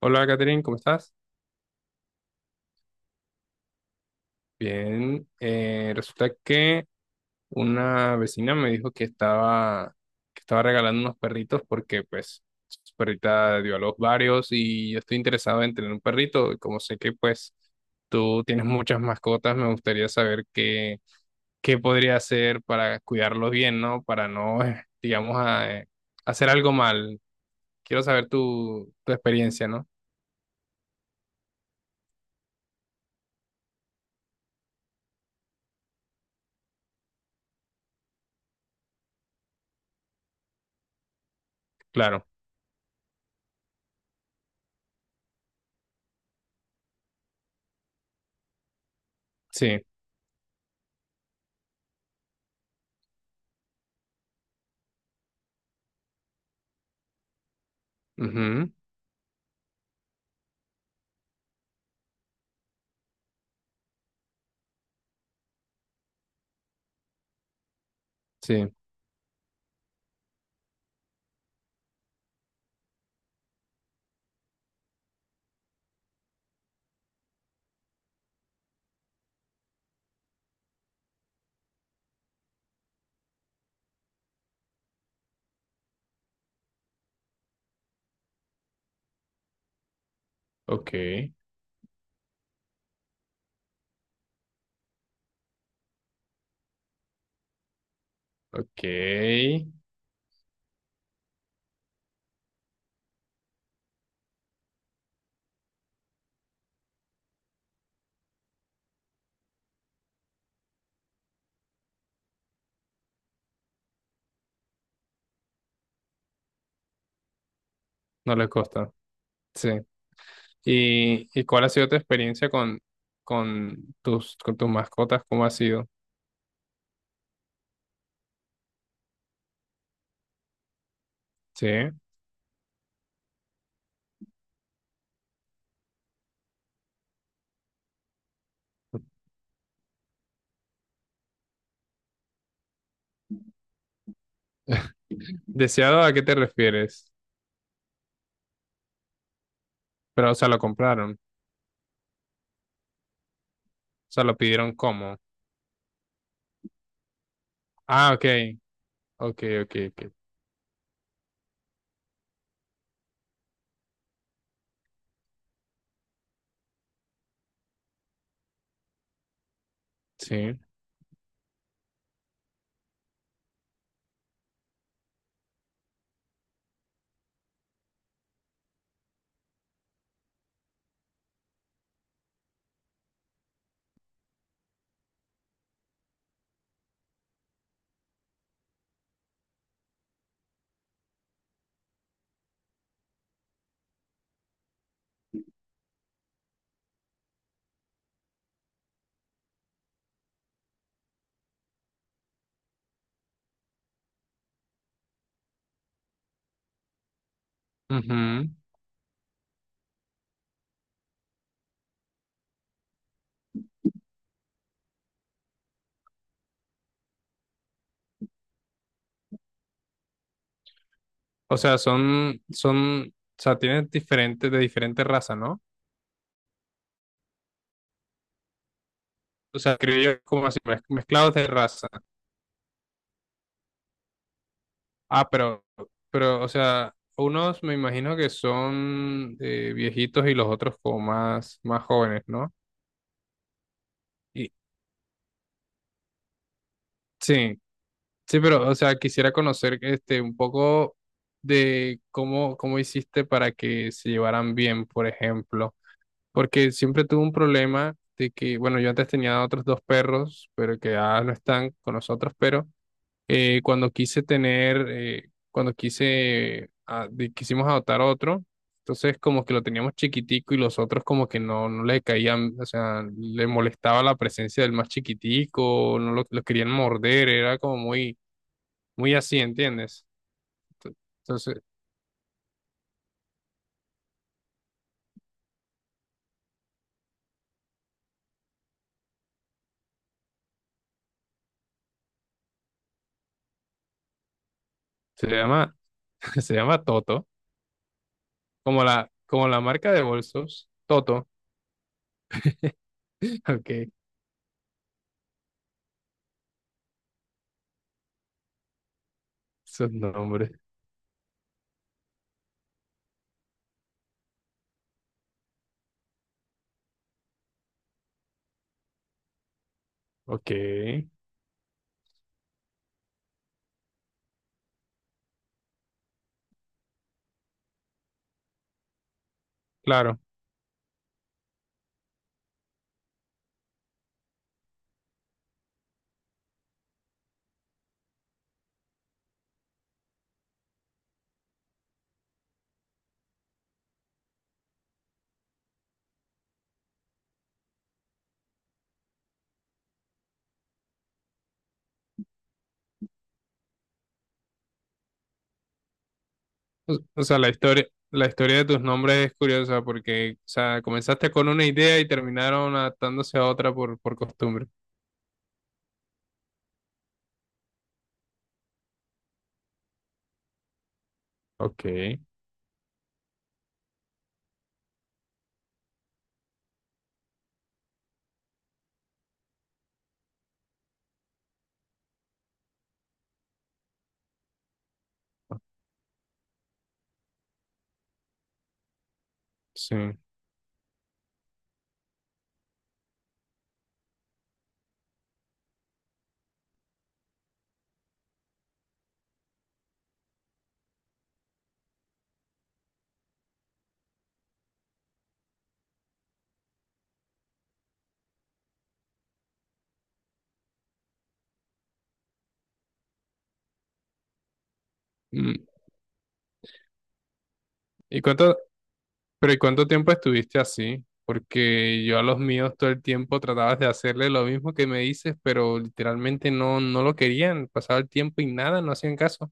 Hola, Catherine, ¿cómo estás? Bien, resulta que una vecina me dijo que estaba regalando unos perritos porque pues su perrita dio a luz varios y yo estoy interesado en tener un perrito y como sé que pues tú tienes muchas mascotas, me gustaría saber qué podría hacer para cuidarlos bien, ¿no? Para no, digamos, hacer algo mal. Quiero saber tu experiencia, ¿no? Claro, sí, ujú, sí, ok. Ok, no les costa. Sí. ¿Y cuál ha sido tu experiencia con con tus mascotas? ¿Cómo ha sido? Sí. ¿Deseado a qué te refieres? Pero, o sea, lo compraron. O sea, lo pidieron como. Ah, ok. Ok, ok, ok. Sí. Ujú. O sea, o sea, tienen diferentes, de diferentes razas, ¿no? O sea, creo yo como así, mezclados de raza. Ah, pero, pero, o sea, unos me imagino que son viejitos y los otros como más jóvenes, ¿no? Y, sí, sí, pero, o sea, quisiera conocer este un poco de cómo hiciste para que se llevaran bien, por ejemplo, porque siempre tuve un problema de que, bueno, yo antes tenía otros dos perros, pero que ya no están con nosotros, pero cuando quise tener, cuando quise, ah, de- quisimos adoptar otro, entonces como que lo teníamos chiquitico y los otros como que no le caían, o sea, le molestaba la presencia del más chiquitico, no lo, lo querían morder, era como muy así, ¿entiendes? Ento- Entonces, se llama, se llama Toto, como como la marca de bolsos, Toto, ok, esos nombres, ok, claro. O sea, la historia de tus nombres es curiosa porque, o sea, comenzaste con una idea y terminaron adaptándose a otra por costumbre. Ok, sí. Mm, ¿Y cuánto, pero ¿y cuánto tiempo estuviste así? Porque yo a los míos todo el tiempo tratabas de hacerle lo mismo que me dices, pero literalmente no lo querían. Pasaba el tiempo y nada, no hacían caso.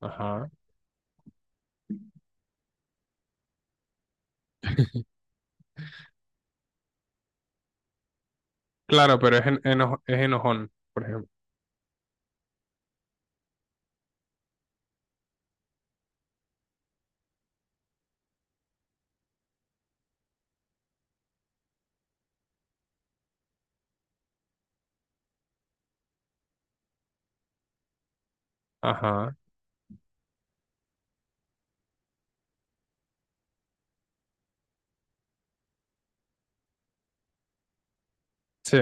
Ajá. Claro, pero es enojón, por ejemplo. Ajá. Sí,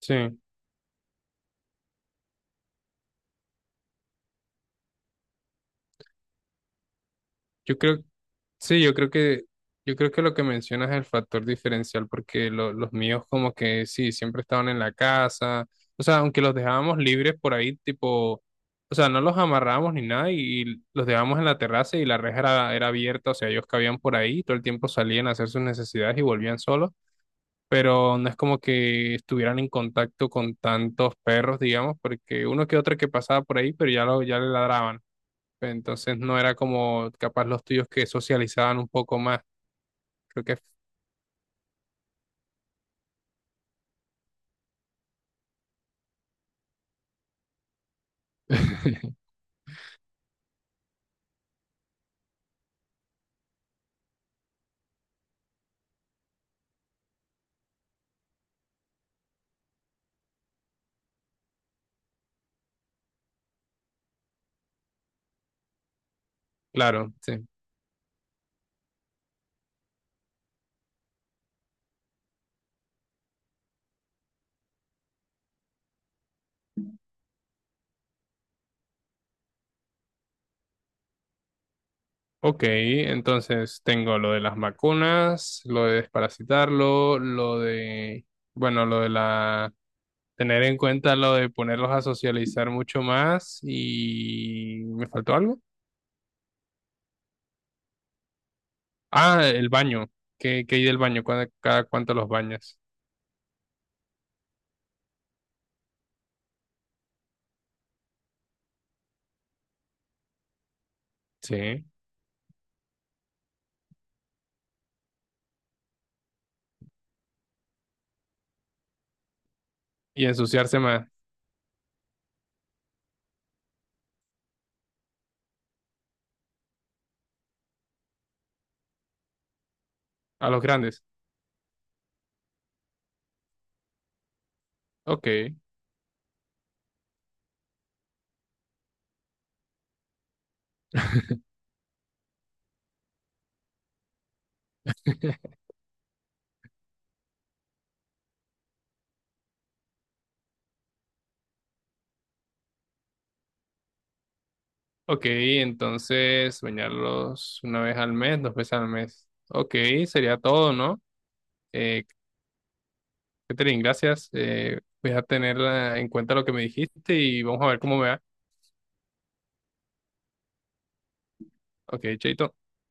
sí. Yo creo, Sí, yo creo que, yo creo que lo que mencionas es el factor diferencial, porque los míos como que sí, siempre estaban en la casa, o sea, aunque los dejábamos libres por ahí, tipo, o sea, no los amarrábamos ni nada y, los dejábamos en la terraza y la reja era abierta, o sea, ellos cabían por ahí, todo el tiempo salían a hacer sus necesidades y volvían solos, pero no es como que estuvieran en contacto con tantos perros, digamos, porque uno que otro que pasaba por ahí, pero ya, ya le ladraban. Entonces no era como capaz los tuyos que socializaban un poco más. Creo que, claro, sí. Ok, entonces tengo lo de las vacunas, lo de desparasitarlo, lo de, bueno, lo de la, tener en cuenta lo de ponerlos a socializar mucho más y ¿me faltó algo? Ah, el baño. ¿Qué hay del baño? ¿Cada cuánto los bañas? Sí. Y ensuciarse más a los grandes. Ok. Ok, entonces bañarlos una vez al mes, dos veces al mes. Ok, sería todo, ¿no? Eh, Catherine, gracias. Voy a tener en cuenta lo que me dijiste y vamos a ver cómo me va. Ok, chaito.